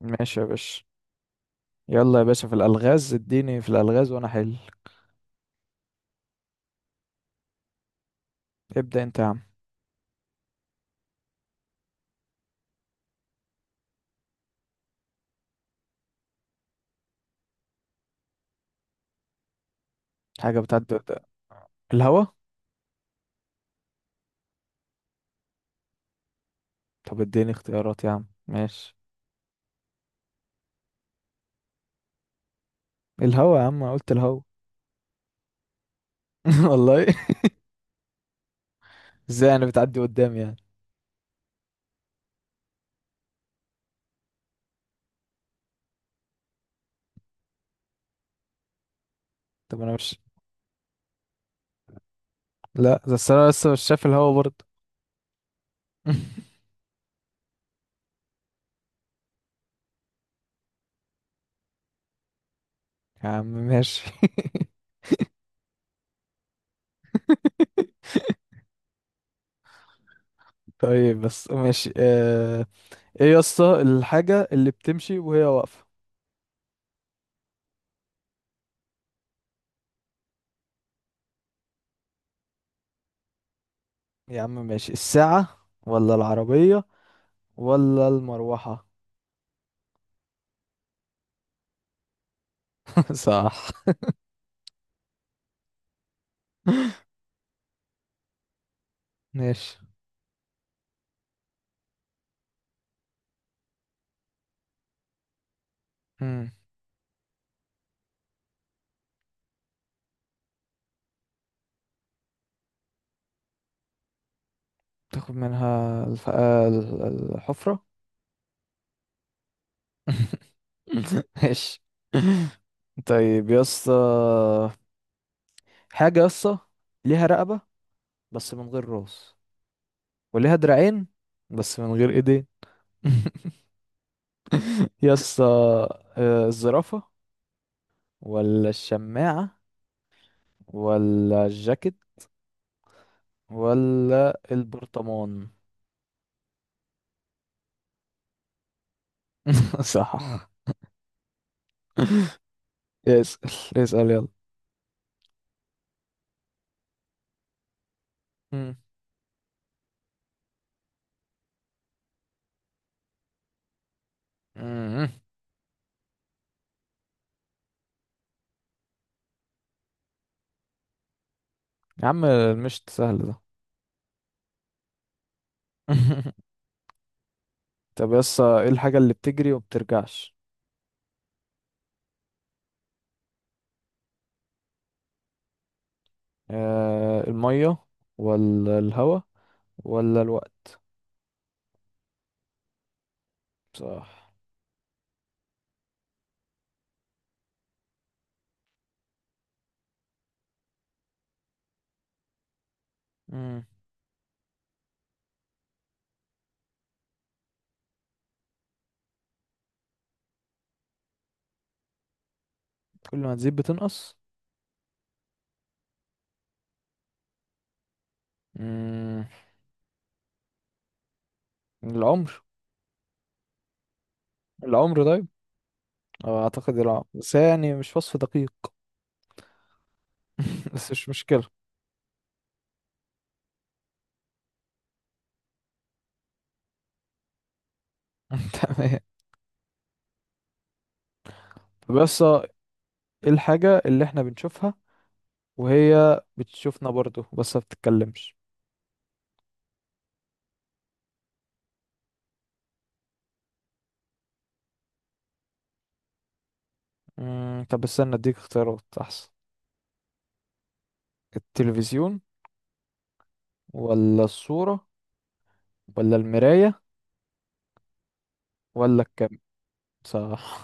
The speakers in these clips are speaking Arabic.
ماشي يا باشا. يلا يا باشا، في الألغاز اديني في الألغاز وأنا حل. ابدأ أنت يا عم. حاجة بتعدي قدام، الهوا. طب اديني اختيارات يا عم، ماشي. الهوا. يا عم أنا قلت الهوا. والله. ازاي أنا بتعدي قدامي يعني؟ طب أنا مش، لا ده أصل أنا لسه مش شايف الهوا برضه. يا عم ماشي. طيب بس ماشي، ايه يا اسطى الحاجة اللي بتمشي وهي واقفة؟ يا عم ماشي، الساعة ولا العربية ولا المروحة. صح. ماشي. مم. تاخد منها الف... آه، ال- ال- الحفرة. ماشي. طيب يا اسطى، حاجة يا اسطى ليها رقبة بس من غير راس، وليها دراعين بس من غير ايدين. يا اسطى، الزرافة ولا الشماعة ولا الجاكيت ولا البرطمان. صح. اسأل، اسأل يلا. مم. مم. يا عم المشت سهل ده. طب يس ايه الحاجة اللي بتجري ومبترجعش؟ آه المية ولا الهوا ولا الوقت. صح. مم. كل ما تزيد بتنقص. مم. العمر. العمر طيب، اعتقد العمر، بس هي يعني مش وصف دقيق. بس مش مشكلة. تمام. طب يس ايه الحاجة اللي احنا بنشوفها وهي بتشوفنا برضو بس ما بتتكلمش. مم. طب استنى اديك اختيارات احسن. التلفزيون ولا الصورة ولا المراية ولا الكاميرا. صح.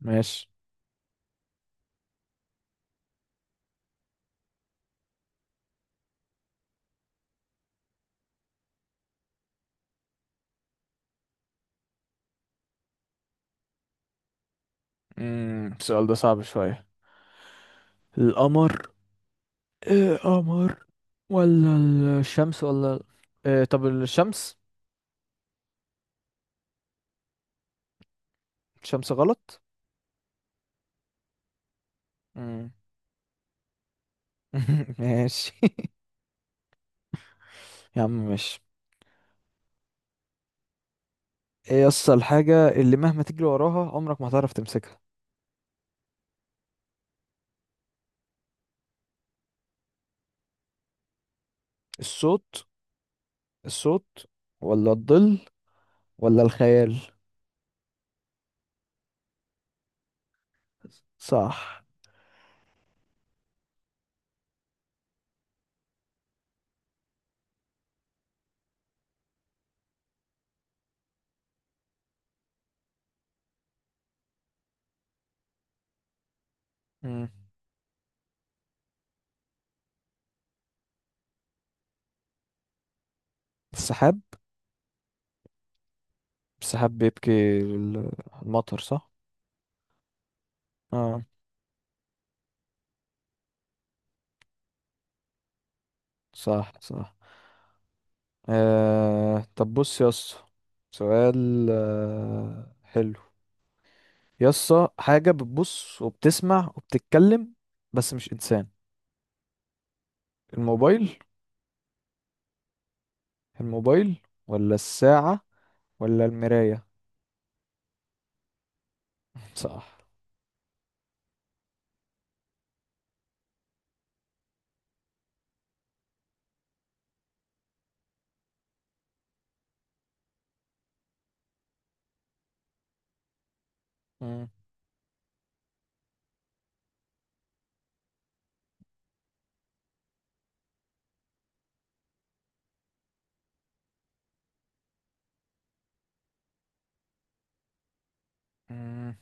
ماشي. امم، السؤال ده صعب شوية. القمر، ايه قمر، ولا الشمس ولا إيه، طب الشمس. الشمس غلط. امم. ماشي. يا عم ماشي، ايه اصل الحاجة اللي مهما تجري وراها عمرك ما هتعرف تمسكها؟ الصوت. الصوت ولا الظل ولا الخيال. صح. امم. السحاب. السحاب بيبكي المطر، صح. اه، صح صح. طب بص يا اسطى، سؤال حلو. يا اسطى، حاجة بتبص وبتسمع وبتتكلم بس مش إنسان. الموبايل. الموبايل ولا الساعة ولا المراية. صح. مم. مم.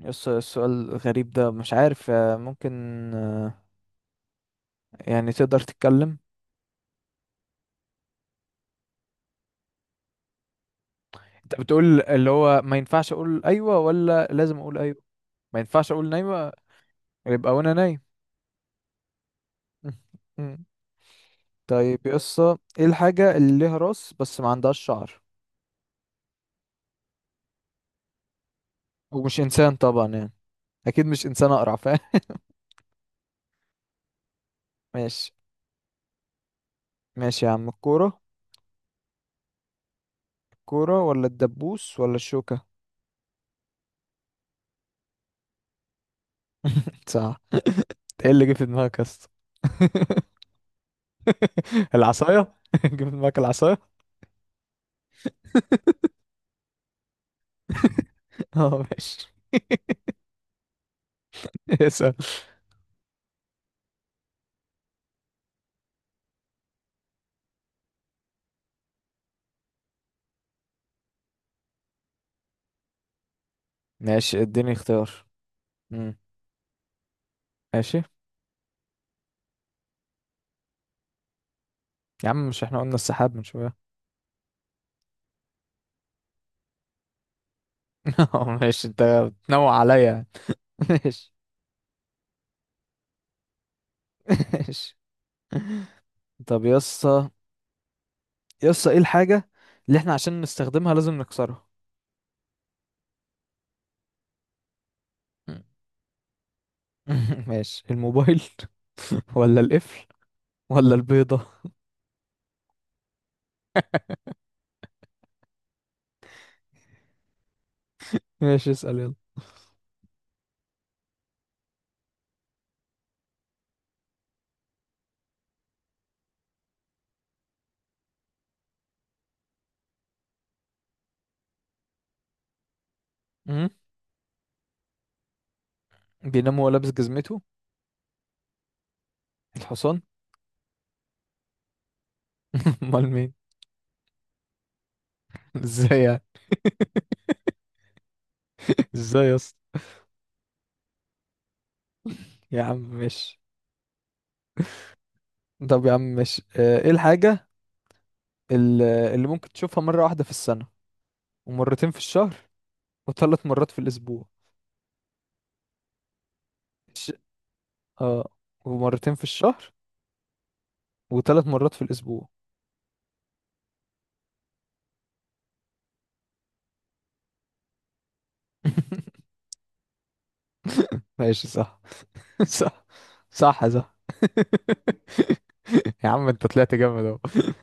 يا اسطى السؤال غريب ده، مش عارف، ممكن آه، يعني تقدر تتكلم؟ انت بتقول اللي هو ما ينفعش اقول ايوه ولا لازم اقول ايوه؟ ما ينفعش اقول نايمه، يبقى وانا نايم. طيب يسا ايه الحاجة اللي ليها راس بس ما عندهاش شعر، ومش انسان طبعا يعني؟ اكيد مش انسان اقرع، فاهم؟ ماشي. ماشي يا عم، الكورة. الكورة ولا الدبوس ولا الشوكة. صح. ايه اللي جه في دماغك يسا؟ العصاية. جه في دماغك العصاية. اه ماشي. اسأل. ماشي اديني اختيار. امم. ماشي. يا عم مش احنا قلنا السحاب من شوية؟ ماشي، انت بتنوع عليا. ماشي. ماشي. طب يسا، يسا ايه الحاجة اللي احنا عشان نستخدمها لازم نكسرها؟ مم. ماشي، الموبايل ولا القفل ولا البيضة. ماشي اسأل يلا. مم؟ بينام وهو لابس جزمته؟ الحصان. امال مين؟ ازاي يعني؟ ازاي يا اسطى؟ يا عم ماشي. طب يا عم ماشي، ايه الحاجة اللي ممكن تشوفها مرة واحدة في السنة ومرتين في الشهر وثلاث مرات في الأسبوع؟ الش... اه، ومرتين في الشهر وثلاث مرات في الأسبوع. ماشي صح. صح صح. صح. يا عم انت طلعت جامد اهو.